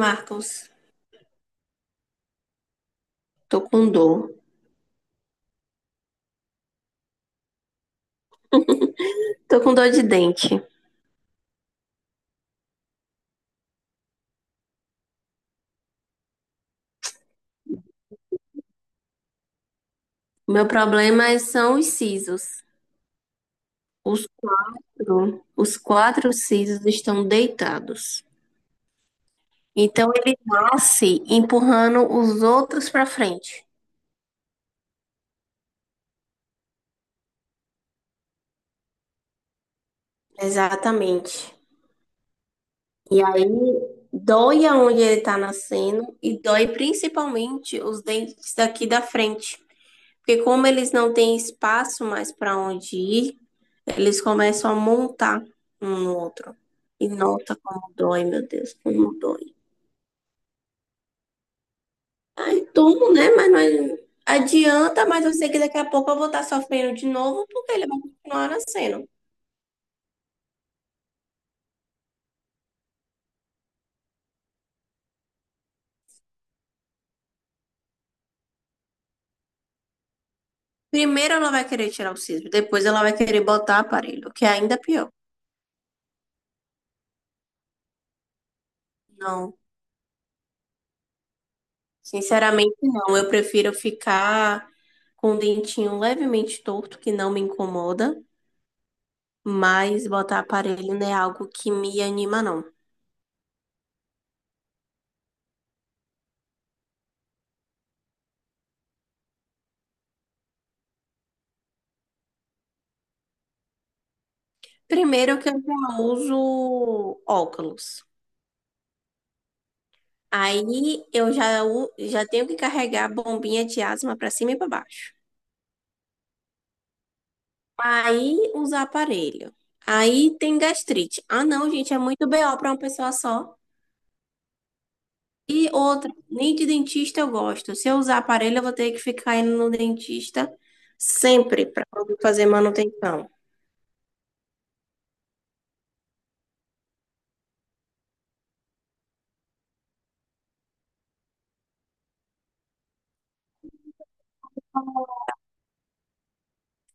Marcos, tô com dor. Tô com dor de dente. Meu problema são os sisos. Os os quatro sisos estão deitados. Então ele nasce empurrando os outros para frente. Exatamente. E aí dói aonde ele tá nascendo e dói principalmente os dentes daqui da frente. Porque como eles não têm espaço mais para onde ir, eles começam a montar um no outro. E nota como dói, meu Deus, como dói. E tomo, né? Mas não é- adianta, mas eu sei que daqui a pouco eu vou estar sofrendo de novo, porque ele vai continuar nascendo. Primeiro ela vai querer tirar o siso, depois ela vai querer botar aparelho, que é ainda pior. Não, sinceramente não. Eu prefiro ficar com o dentinho levemente torto, que não me incomoda, mas botar aparelho não é algo que me anima, não. Primeiro que eu já uso óculos. Aí já tenho que carregar a bombinha de asma para cima e para baixo. Aí usar aparelho. Aí tem gastrite. Ah, não, gente, é muito BO para uma pessoa só. E outra, nem de dentista eu gosto. Se eu usar aparelho, eu vou ter que ficar indo no dentista sempre para fazer manutenção.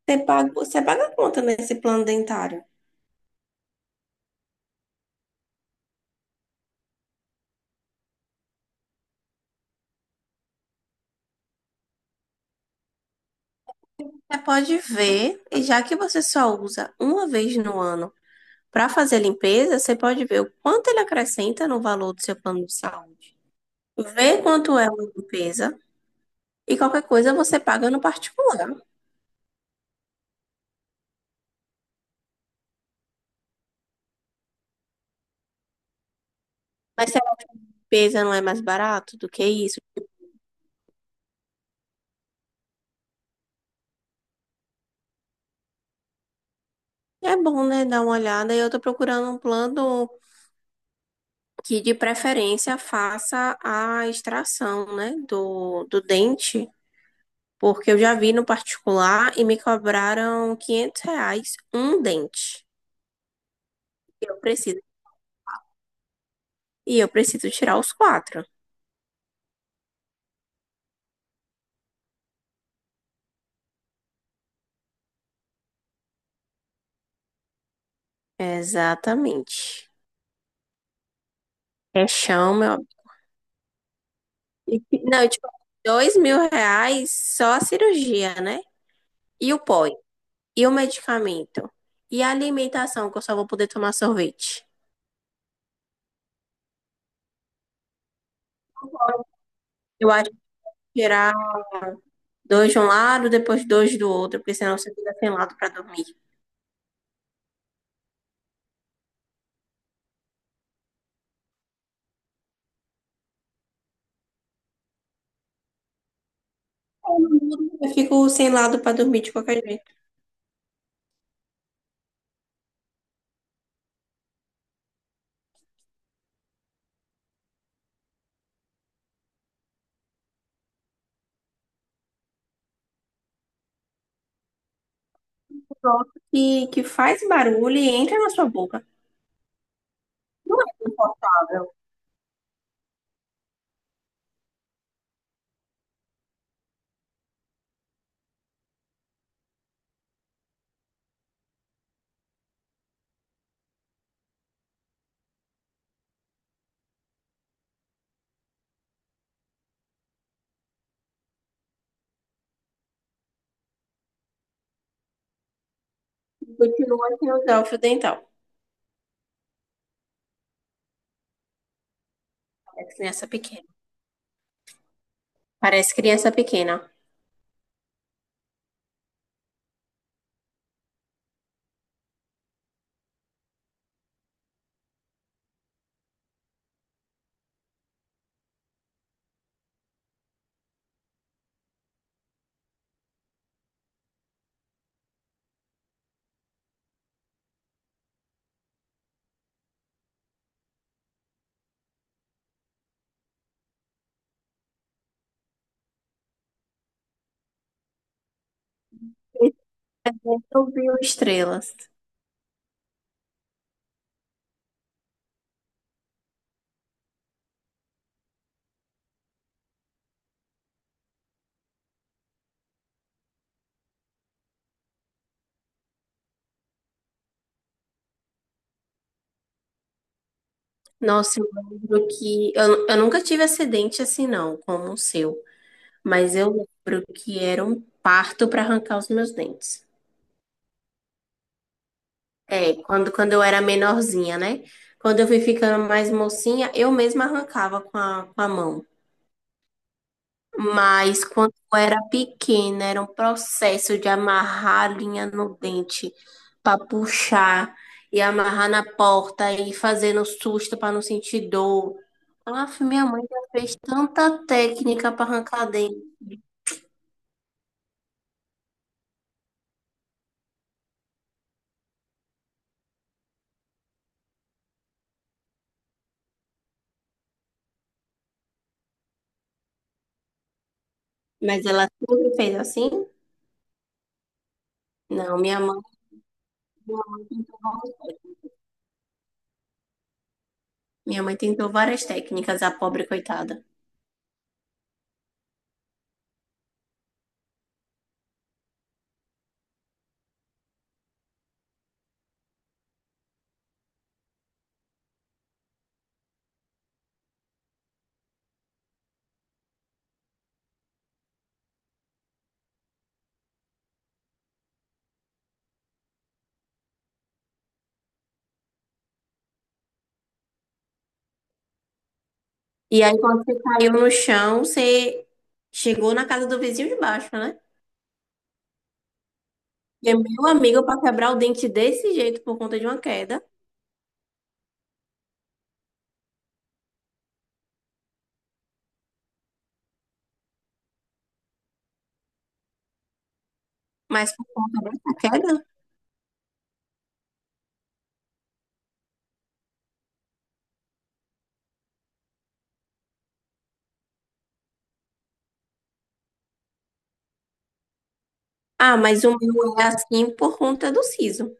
Você paga a conta nesse plano dentário. Você pode ver, e já que você só usa uma vez no ano para fazer a limpeza, você pode ver o quanto ele acrescenta no valor do seu plano de saúde. Vê quanto é uma limpeza e qualquer coisa você paga no particular. Mas se a limpeza não é mais barato do que isso, é bom, né, dar uma olhada. E eu tô procurando um plano que de preferência faça a extração, né, do dente, porque eu já vi no particular e me cobraram R$ 500 um dente. Eu preciso. E eu preciso tirar os quatro. Exatamente. É chão, meu. E não, tipo, R$ 2.000 só a cirurgia, né? E o pó. E o medicamento. E a alimentação, que eu só vou poder tomar sorvete. Eu acho que tirar dois de um lado, depois dois do outro, porque senão você fica sem lado pra dormir. Eu não durmo, eu fico sem lado pra dormir de qualquer jeito. Pronto. E que faz barulho e entra na sua boca. Não é confortável. Continua sem usar o fio dental. É criança pequena. Parece criança pequena. Esse evento eu vi estrelas. Nossa, eu lembro que. Eu nunca tive acidente assim, não, como o seu. Mas eu lembro que era um parto para arrancar os meus dentes. É, quando eu era menorzinha, né? Quando eu fui ficando mais mocinha, eu mesma arrancava com a mão. Mas quando eu era pequena, era um processo de amarrar a linha no dente para puxar e amarrar na porta e fazendo susto para não sentir dor. Aff, minha mãe já fez tanta técnica para arrancar dente, mas ela sempre fez assim? Não, minha mãe tentou, minha mãe tentou várias técnicas, a pobre coitada. E aí, quando você caiu no chão, você chegou na casa do vizinho de baixo, né? E é meu amigo para quebrar o dente desse jeito por conta de uma queda. Mas por conta dessa queda? Ah, mas o meu é assim por conta do siso.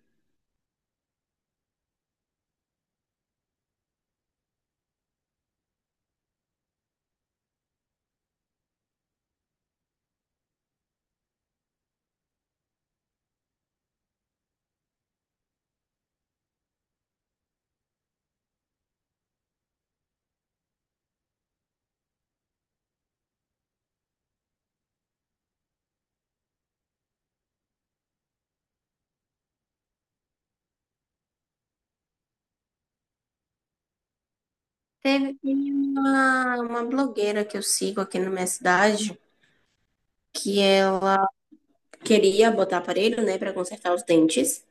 Teve uma blogueira que eu sigo aqui na minha cidade que ela queria botar aparelho, né, para consertar os dentes.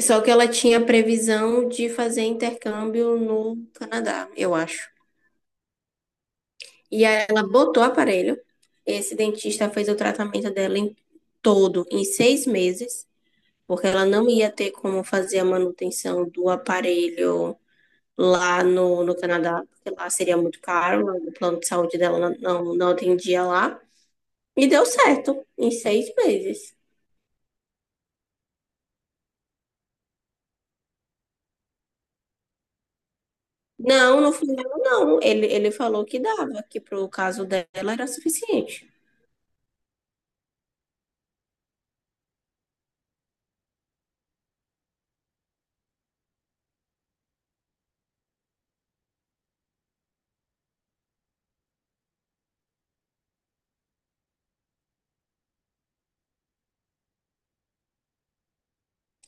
Só que ela tinha previsão de fazer intercâmbio no Canadá, eu acho. E aí ela botou o aparelho. Esse dentista fez o tratamento dela em todo em 6 meses. Porque ela não ia ter como fazer a manutenção do aparelho lá no Canadá, porque lá seria muito caro, lá o plano de saúde dela não atendia lá. E deu certo, em 6 meses. Não, no final não. Ele falou que dava, que pro caso dela era suficiente.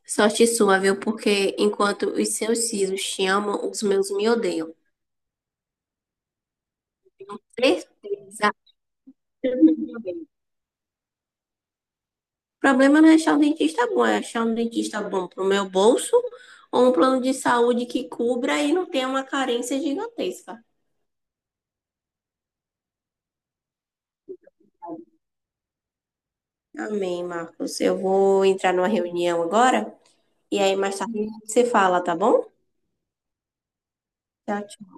Sorte sua, viu? Porque enquanto os seus sisos te amam, os meus me odeiam. Certeza. O problema não é achar um dentista bom, é achar um dentista bom para o meu bolso ou um plano de saúde que cubra e não tenha uma carência gigantesca. Amém, Marcos. Eu vou entrar numa reunião agora e aí mais tarde a gente se fala, tá bom? Tchau, tchau.